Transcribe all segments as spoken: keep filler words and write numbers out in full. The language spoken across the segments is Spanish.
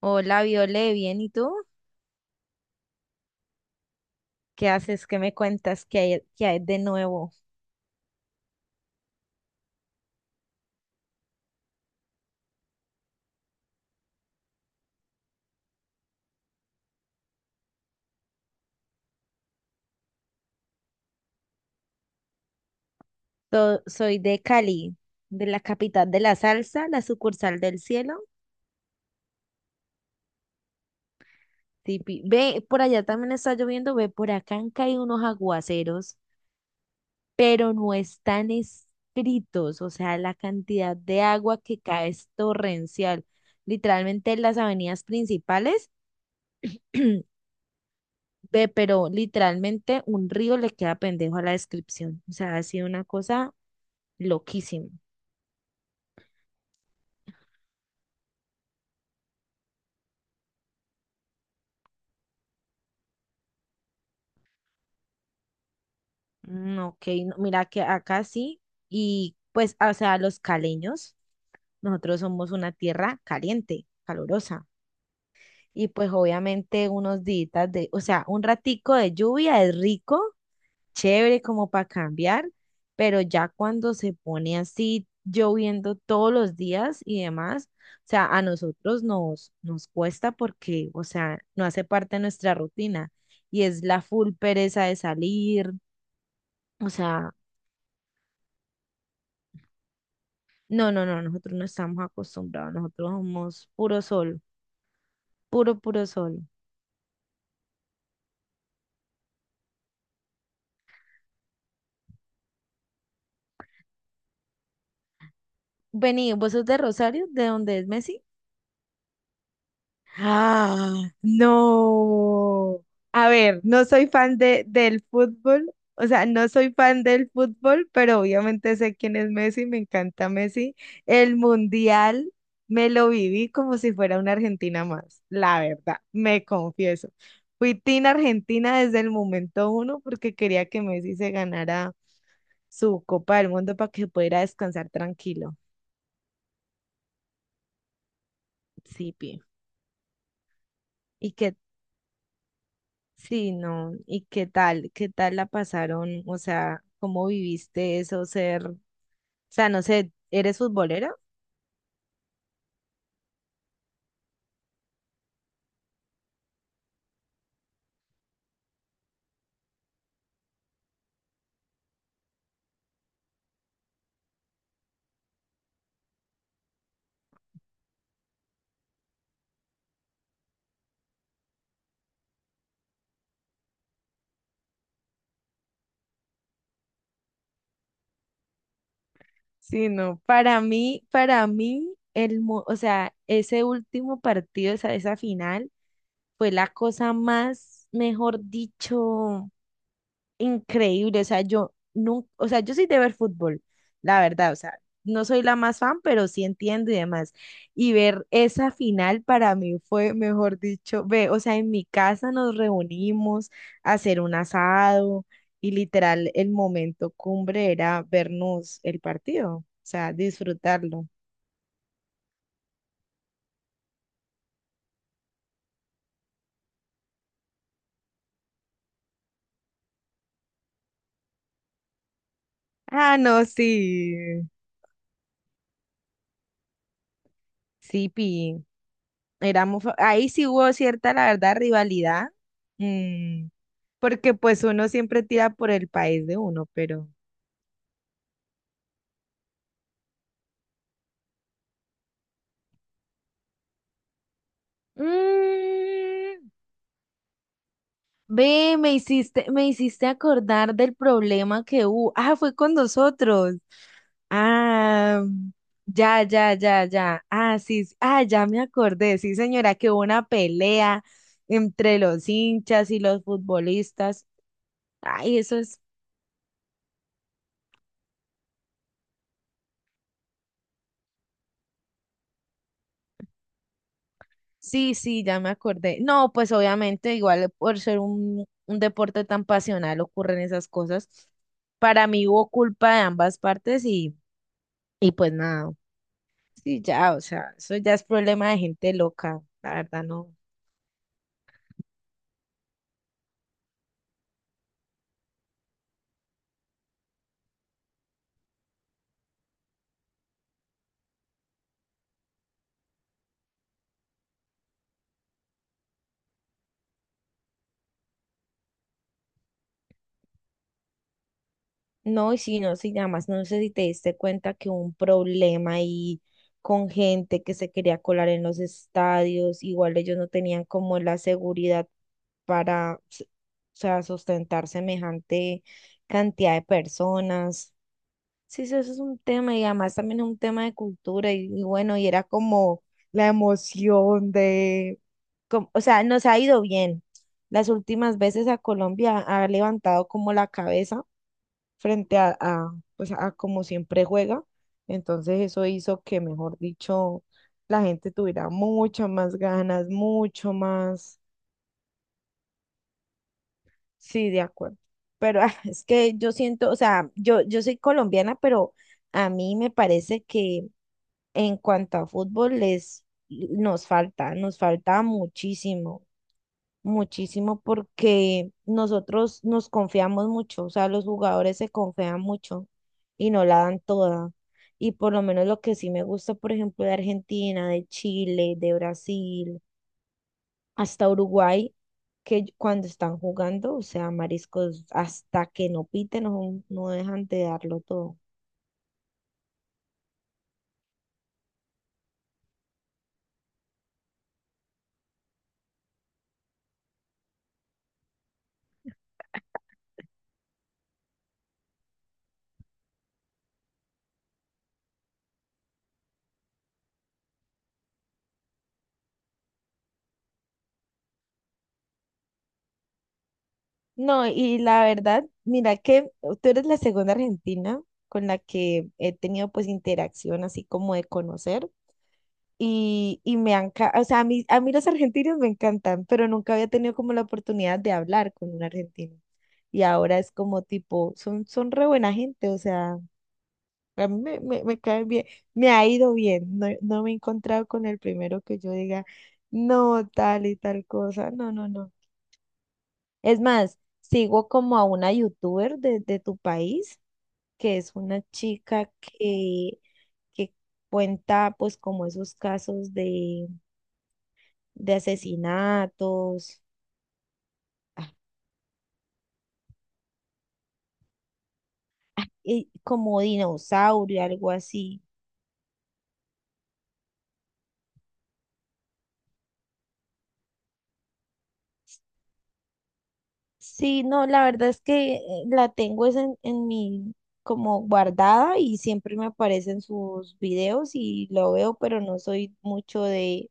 Hola, Viole, bien, ¿y tú? ¿Qué haces? ¿Qué me cuentas? ¿Qué hay, qué hay de nuevo? So- soy de Cali, de la capital de la salsa, la sucursal del cielo. Tipi- Ve, por allá también está lloviendo, ve, por acá han caído unos aguaceros, pero no están escritos, o sea, la cantidad de agua que cae es torrencial. Literalmente en las avenidas principales, ve, pero literalmente un río le queda pendejo a la descripción, o sea, ha sido una cosa loquísima. Mm, ok, no, mira que acá sí, y pues, o sea, los caleños, nosotros somos una tierra caliente, calurosa, y pues obviamente unos días de, o sea, un ratico de lluvia es rico, chévere como para cambiar, pero ya cuando se pone así lloviendo todos los días y demás, o sea, a nosotros nos, nos cuesta porque, o sea, no hace parte de nuestra rutina, y es la full pereza de salir. O sea, no, no, no, nosotros no estamos acostumbrados, nosotros somos puro sol, puro, puro sol. Vení, ¿vos sos de Rosario? ¿De dónde es Messi? Ah, no. A ver, no soy fan de, del fútbol, o sea, no soy fan del fútbol, pero obviamente sé quién es Messi, me encanta Messi. El mundial me lo viví como si fuera una Argentina más, la verdad, me confieso. Fui team Argentina desde el momento uno porque quería que Messi se ganara su copa del mundo para que pudiera descansar tranquilo. Sí, pi. Y que, sí, no, y qué tal, qué tal la pasaron, o sea, cómo viviste eso, ser, o sea, no sé, ¿eres futbolera? Sí, no, para mí, para mí, el, mo- o sea, ese último partido, esa, esa final, fue la cosa más, mejor dicho, increíble. O sea, yo nunca, o sea, yo soy de ver fútbol, la verdad. O sea, no soy la más fan, pero sí entiendo y demás. Y ver esa final para mí fue, mejor dicho, ve, o sea, en mi casa nos reunimos a hacer un asado y literal el momento cumbre era vernos el partido, o sea, disfrutarlo. Ah, no, sí, sí, pi. Éramos, fa- ahí sí hubo cierta, la verdad, rivalidad. Mm, porque pues uno siempre tira por el país de uno, pero mm, ve, me hiciste, me hiciste acordar del problema que hubo. Ah, fue con nosotros. Ah, ya, ya, ya, ya. Ah, sí, sí, ah, ya me acordé. Sí, señora, que hubo una pelea entre los hinchas y los futbolistas. Ay, eso es. Sí, sí, ya me acordé. No, pues obviamente, igual por ser un, un deporte tan pasional ocurren esas cosas. Para mí hubo culpa de ambas partes y, y pues nada. Sí, ya, o sea, eso ya es problema de gente loca, la verdad, no. No, y si no, si nada más no sé si te diste cuenta que hubo un problema ahí con gente que se quería colar en los estadios, igual ellos no tenían como la seguridad para, s- o sea, sustentar semejante cantidad de personas. Sí, sí, eso es un tema y además también es un tema de cultura y, y bueno, y era como la emoción de, como- o sea, nos ha ido bien. Las últimas veces a Colombia ha levantado como la cabeza frente a, a, pues a como siempre juega. Entonces eso hizo que, mejor dicho, la gente tuviera mucho más ganas, mucho más, sí, de acuerdo. Pero ah, es que yo siento, o sea, yo, yo soy colombiana, pero a mí me parece que en cuanto a fútbol les nos falta, nos falta muchísimo, muchísimo porque nosotros nos confiamos mucho, o sea, los jugadores se confían mucho y no la dan toda. Y por lo menos lo que sí me gusta, por ejemplo, de Argentina, de Chile, de Brasil, hasta Uruguay, que yo- cuando están jugando, o sea, mariscos, hasta que no piten, no, no dejan de darlo todo. No, y la verdad, mira que eh, tú eres la segunda argentina con la que he tenido pues interacción así como de conocer. Y, y me han, ca- o sea, a mí, a mí los argentinos me encantan, pero nunca había tenido como la oportunidad de hablar con un argentino. Y ahora es como tipo, son, son re buena gente, o sea, a mí me, me, me caen bien, me ha ido bien, no, no me he encontrado con el primero que yo diga, no, tal y tal cosa, no, no, no. Es más, sigo como a una youtuber de, de tu país, que es una chica que, que cuenta pues como esos casos de de asesinatos, ah, y como dinosaurio, algo así. Sí, no, la verdad es que eh, la tengo es en, en mi como guardada y siempre me aparecen sus videos y lo veo, pero no soy mucho de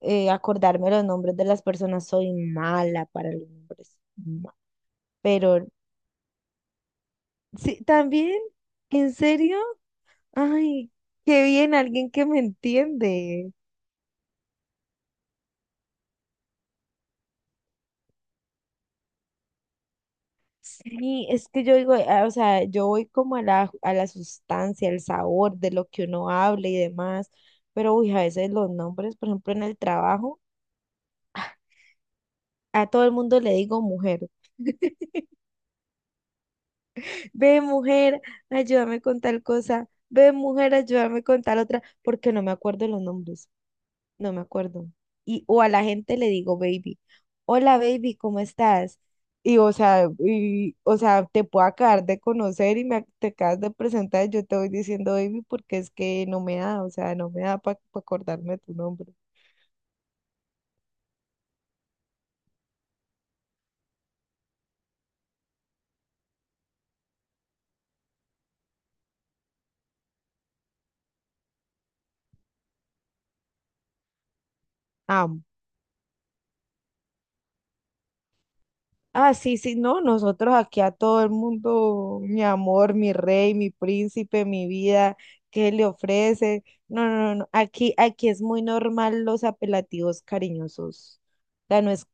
eh, acordarme los nombres de las personas, soy mala para los nombres. ma- Pero sí, también, ¿en serio? Ay, qué bien, alguien que me entiende. Sí, es que yo digo, ah, o sea, yo voy como a la, a la sustancia, el sabor de lo que uno habla y demás, pero uy, a veces los nombres, por ejemplo, en el trabajo, a todo el mundo le digo mujer, ve mujer, ayúdame con tal cosa, ve mujer, ayúdame con tal otra, porque no me acuerdo los nombres, no me acuerdo. Y, o a la gente le digo baby, hola baby, ¿cómo estás? Y o sea, y, o sea, te puedo acabar de conocer y me ac- te acabas de presentar, yo te voy diciendo baby porque es que no me da, o sea, no me da para acordarme de tu nombre. Amo. Ah, sí, sí, no, nosotros aquí a todo el mundo, mi amor, mi rey, mi príncipe, mi vida, ¿qué le ofrece? No, no, no, no, aquí, aquí es muy normal los apelativos cariñosos. O sea, no es,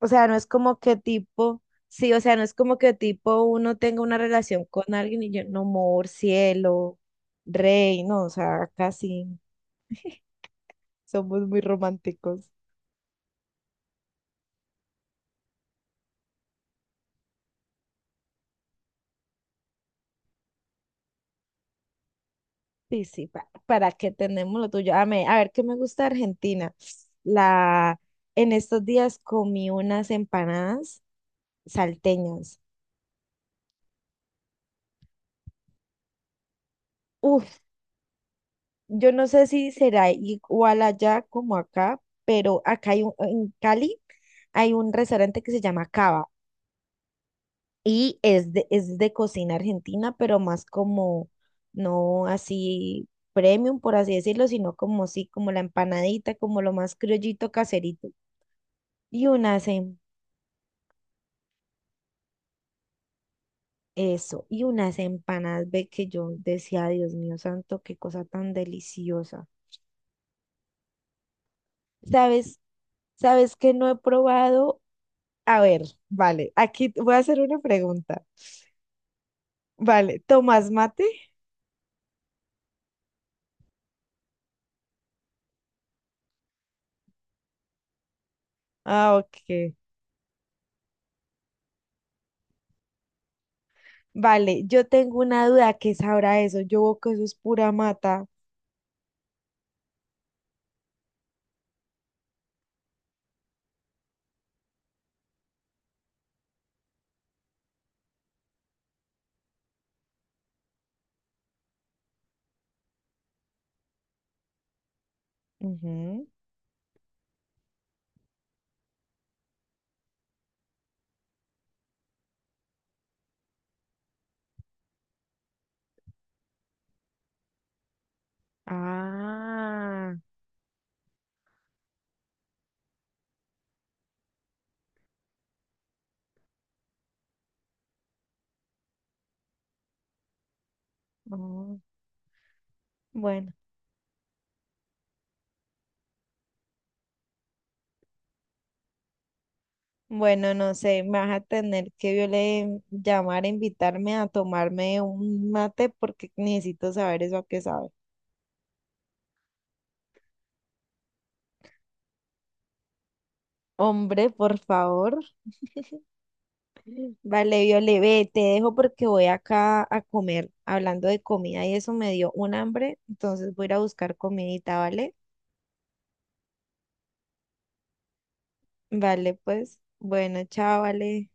o sea, no es como que tipo, sí, o sea, no es como que tipo uno tenga una relación con alguien y yo, no, amor, cielo, rey, no, o sea, casi somos muy románticos. Sí, sí, pa- para, que tenemos lo tuyo. A, me- a ver, ¿qué me gusta de Argentina? La, en estos días comí unas empanadas salteñas. Uf, yo no sé si será igual allá como acá, pero acá hay un, en Cali hay un restaurante que se llama Cava. Y es de, es de cocina argentina, pero más como, no así premium, por así decirlo, sino como sí, como la empanadita, como lo más criollito caserito. Y unas, em- eso, y unas empanadas, ve que yo decía, Dios mío santo, qué cosa tan deliciosa. ¿Sabes? ¿Sabes que no he probado? A ver, vale, aquí te voy a hacer una pregunta. Vale, ¿tomas mate? Ah, ok. Vale, yo tengo una duda, ¿qué sabrá eso? Yo veo que eso es pura mata. Ujú. Ah, oh, bueno. Bueno, no sé, me vas a tener que yo llamar a invitarme a tomarme un mate porque necesito saber eso a qué sabe. Hombre, por favor. Vale, Viole, ve, te dejo porque voy acá a comer. Hablando de comida y eso me dio un hambre, entonces voy a ir a buscar comidita, ¿vale? Vale, pues, bueno, chao, vale.